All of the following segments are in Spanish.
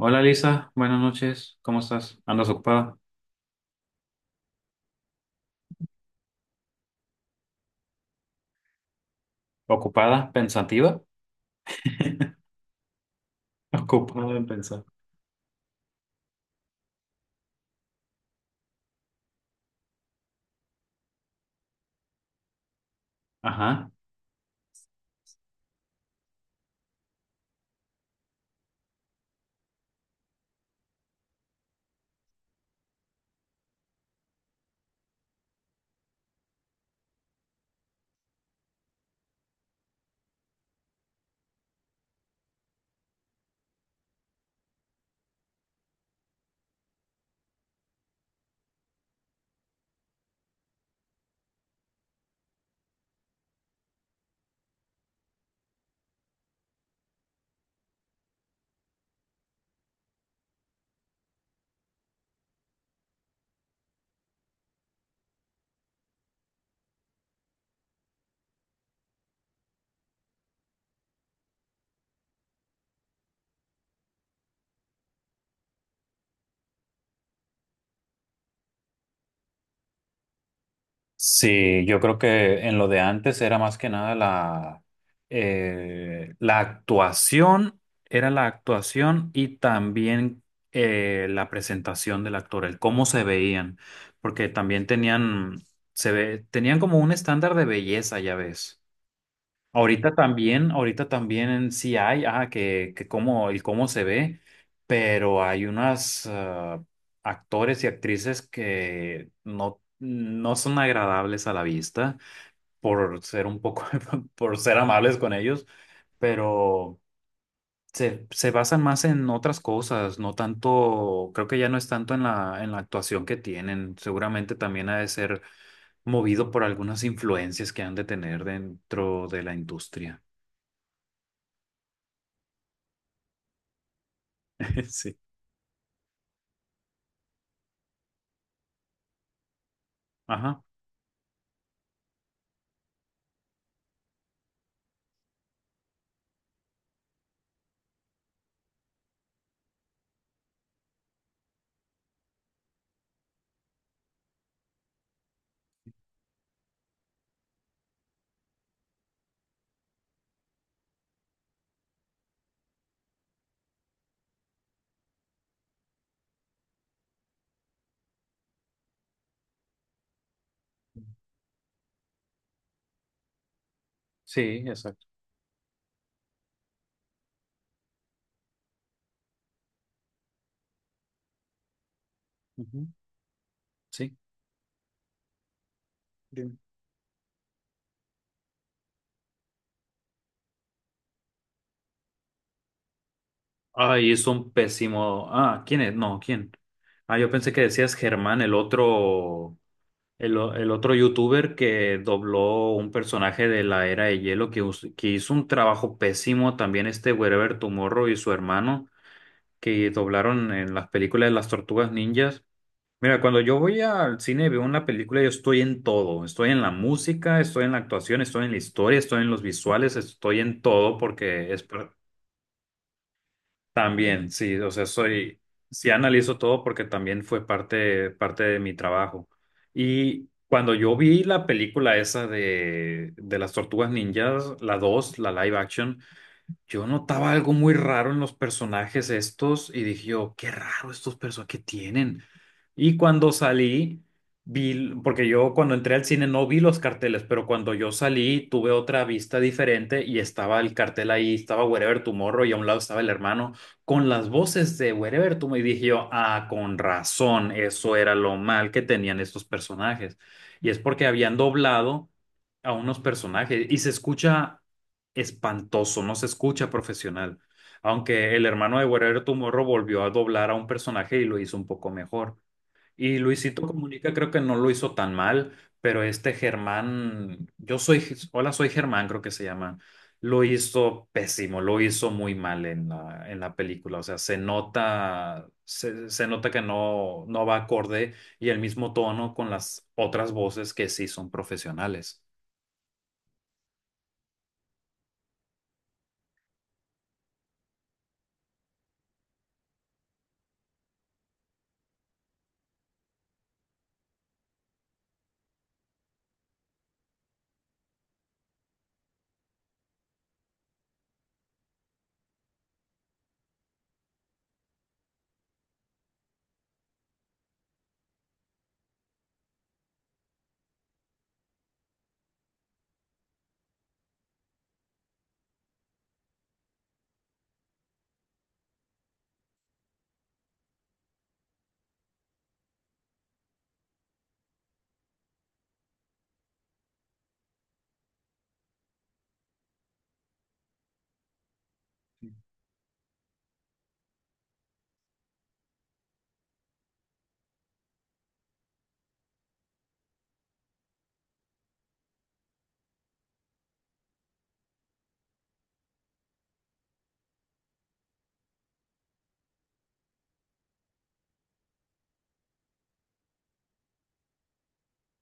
Hola Lisa, buenas noches, ¿cómo estás? ¿Andas ocupada? ¿Ocupada? ¿Pensativa? Ocupada en pensar. Ajá. Sí, yo creo que en lo de antes era más que nada la actuación, era la actuación y también la presentación del actor, el cómo se veían, porque también tenían, se ve, tenían como un estándar de belleza, ya ves. Ahorita también sí hay, ah, que cómo, el cómo se ve, pero hay unas ah, actores y actrices que no, no son agradables a la vista por ser un poco, por ser amables con ellos, pero se basan más en otras cosas, no tanto, creo que ya no es tanto en la actuación que tienen. Seguramente también ha de ser movido por algunas influencias que han de tener dentro de la industria. Sí. Ajá. Sí, exacto. Ujú, sí. Bien. Ay, es un pésimo. Ah, ¿quién es? No, ¿quién? Ah, yo pensé que decías Germán, el otro, el otro youtuber que dobló un personaje de la Era de Hielo que, que hizo un trabajo pésimo. También este Wherever Tomorrow y su hermano que doblaron en las películas de las Tortugas Ninjas. Mira, cuando yo voy al cine y veo una película, yo estoy en todo. Estoy en la música, estoy en la actuación, estoy en la historia, estoy en los visuales, estoy en todo porque también, sí, o sea, soy, sí analizo todo porque también fue parte de mi trabajo. Y cuando yo vi la película esa de las Tortugas Ninjas, la dos, la live action, yo notaba algo muy raro en los personajes estos y dije yo, qué raro estos personajes que tienen. Y cuando salí, vi, porque yo cuando entré al cine no vi los carteles, pero cuando yo salí tuve otra vista diferente y estaba el cartel ahí, estaba Wherever Tomorrow y a un lado estaba el hermano con las voces de Wherever Tomorrow, y dije yo, ah, con razón, eso era lo mal que tenían estos personajes. Y es porque habían doblado a unos personajes y se escucha espantoso, no se escucha profesional. Aunque el hermano de Guerrero Tomorrow volvió a doblar a un personaje y lo hizo un poco mejor. Y Luisito Comunica creo que no lo hizo tan mal, pero este Germán, yo soy, hola, soy Germán, creo que se llama, lo hizo pésimo, lo hizo muy mal en la película. O sea, se nota, se nota que no, no va acorde y el mismo tono con las otras voces que sí son profesionales.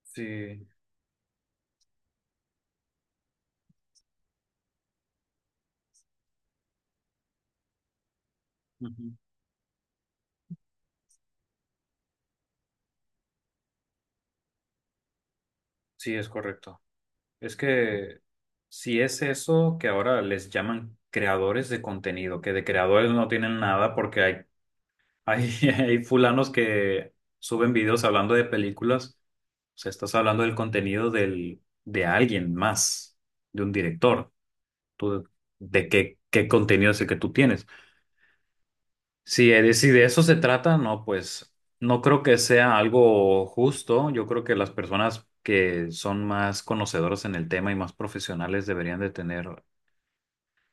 Sí, ujú, sí, es correcto. Es que si es eso que ahora les llaman creadores de contenido, que de creadores no tienen nada porque hay fulanos que suben videos hablando de películas, o sea, estás hablando del contenido de alguien más, de un director. ¿Tú, de qué, qué contenido es el que tú tienes? Si, si de eso se trata, no, pues no creo que sea algo justo. Yo creo que las personas que son más conocedoras en el tema y más profesionales deberían de tener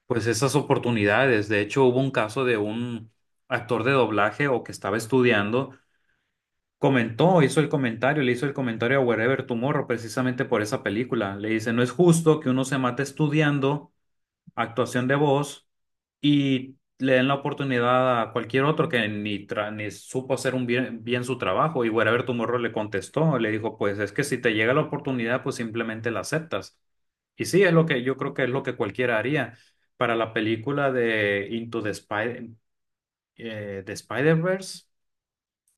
pues esas oportunidades. De hecho, hubo un caso de un actor de doblaje o que estaba estudiando, comentó, hizo el comentario, le hizo el comentario a Wherever Tomorrow precisamente por esa película. Le dice, no es justo que uno se mate estudiando actuación de voz y le den la oportunidad a cualquier otro que ni, ni supo hacer un bien su trabajo. Y Wherever Tomorrow le contestó, le dijo, pues es que si te llega la oportunidad, pues simplemente la aceptas. Y sí, es lo que yo creo que es lo que cualquiera haría. Para la película de Into the Spider, the Spider-Verse,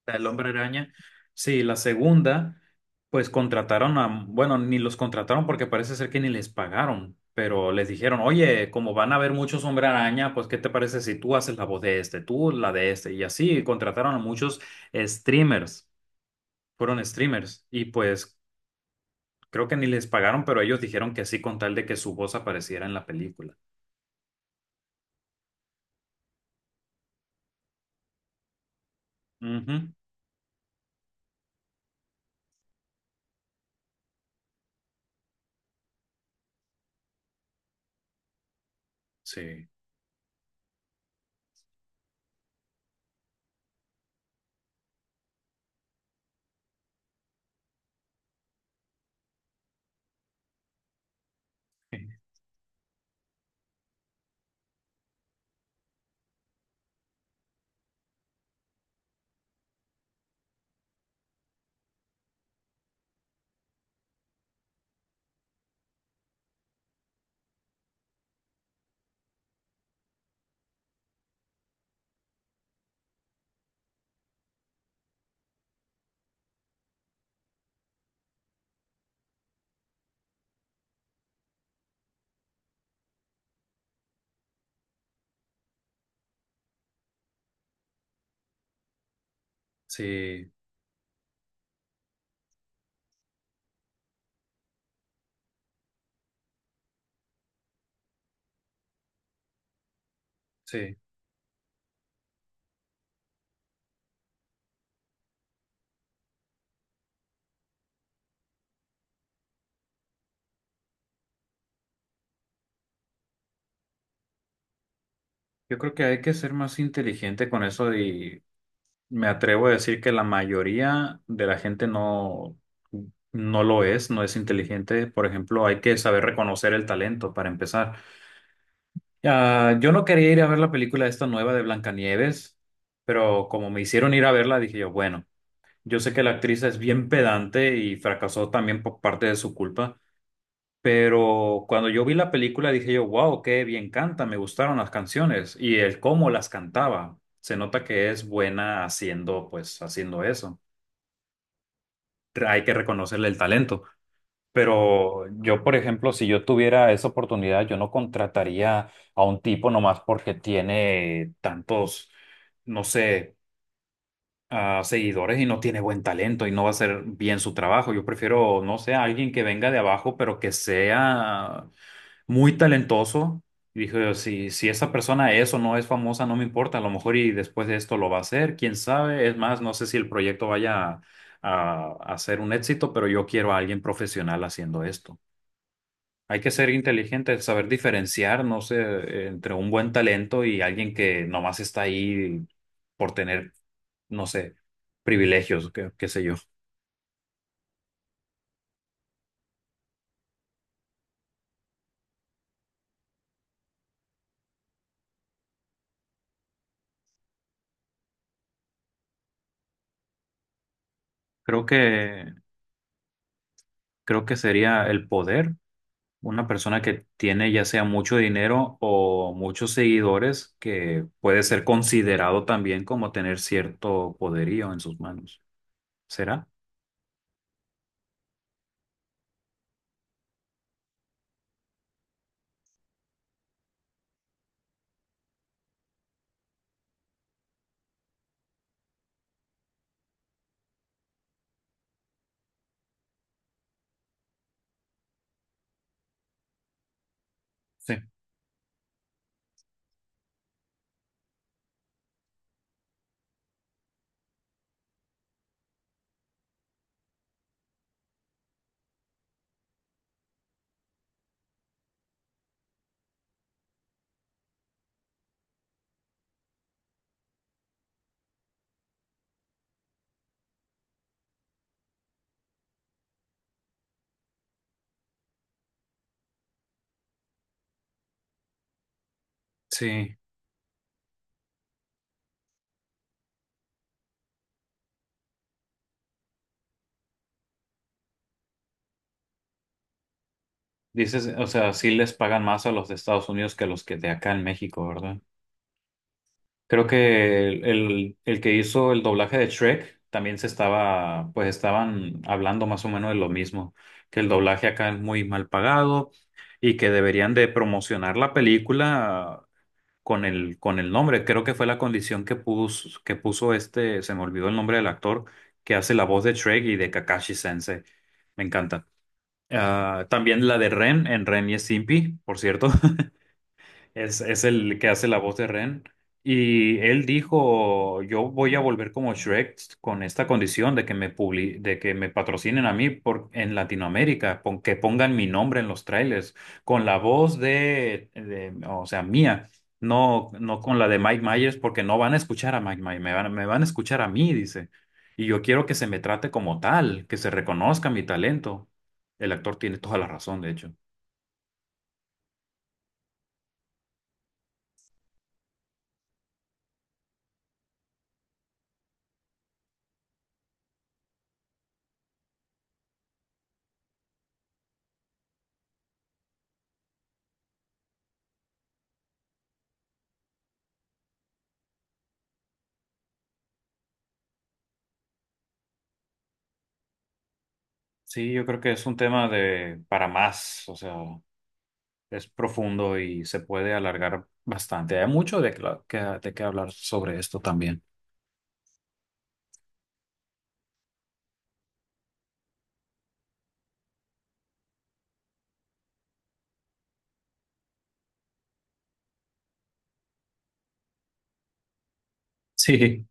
el Hombre Araña. Sí, la segunda, pues contrataron a, bueno, ni los contrataron porque parece ser que ni les pagaron, pero les dijeron, oye, como van a haber muchos Hombre Araña, pues ¿qué te parece si tú haces la voz de este, tú la de este? Y así contrataron a muchos streamers, fueron streamers, y pues creo que ni les pagaron, pero ellos dijeron que sí con tal de que su voz apareciera en la película. Ujú, sí. Sí, sí. Yo creo que hay que ser más inteligente con eso. Y me atrevo a decir que la mayoría de la gente no, no lo es, no es inteligente. Por ejemplo, hay que saber reconocer el talento para empezar. Ah, yo no quería ir a ver la película esta nueva de Blancanieves, pero como me hicieron ir a verla, dije yo, bueno, yo sé que la actriz es bien pedante y fracasó también por parte de su culpa, pero cuando yo vi la película dije yo, wow, qué bien canta, me gustaron las canciones y el cómo las cantaba. Se nota que es buena haciendo, pues, haciendo eso. Hay que reconocerle el talento. Pero yo, por ejemplo, si yo tuviera esa oportunidad, yo no contrataría a un tipo nomás porque tiene tantos, no sé, ah, seguidores y no tiene buen talento y no va a hacer bien su trabajo. Yo prefiero, no sé, a alguien que venga de abajo, pero que sea muy talentoso. Y dije, si, si esa persona es o no es famosa, no me importa, a lo mejor y después de esto lo va a hacer, quién sabe. Es más, no sé si el proyecto vaya a ser un éxito, pero yo quiero a alguien profesional haciendo esto. Hay que ser inteligente, saber diferenciar, no sé, entre un buen talento y alguien que nomás está ahí por tener, no sé, privilegios, qué, qué sé yo. Creo que, creo que sería el poder. Una persona que tiene ya sea mucho dinero o muchos seguidores que puede ser considerado también como tener cierto poderío en sus manos. ¿Será? Sí. Sí. Dices, o sea, sí les pagan más a los de Estados Unidos que a los que de acá en México, ¿verdad? Creo que el que hizo el doblaje de Shrek también se estaba, pues estaban hablando más o menos de lo mismo, que el doblaje acá es muy mal pagado y que deberían de promocionar la película con el nombre. Creo que fue la condición que puso este, se me olvidó el nombre del actor, que hace la voz de Shrek y de Kakashi Sensei. Me encanta. Ah, también la de Ren en Ren y Stimpy, por cierto es el que hace la voz de Ren. Y él dijo, yo voy a volver como Shrek con esta condición de que me de que me patrocinen a mí por en Latinoamérica, que pongan mi nombre en los trailers, con la voz o sea, mía, no, no con la de Mike Myers, porque no van a escuchar a Mike Myers, me van a escuchar a mí, dice. Y yo quiero que se me trate como tal, que se reconozca mi talento. El actor tiene toda la razón, de hecho. Sí, yo creo que es un tema de para más, o sea, es profundo y se puede alargar bastante. Hay mucho de, de qué hablar sobre esto también. Sí,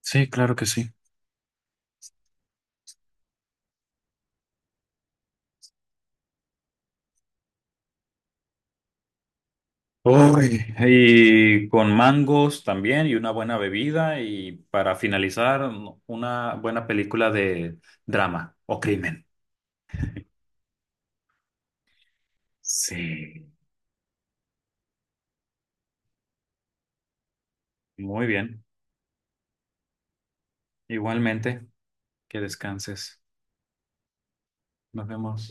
sí, claro que sí. Uy, y con mangos también y una buena bebida y para finalizar una buena película de drama o crimen. Sí, muy bien. Igualmente, que descanses. Nos vemos.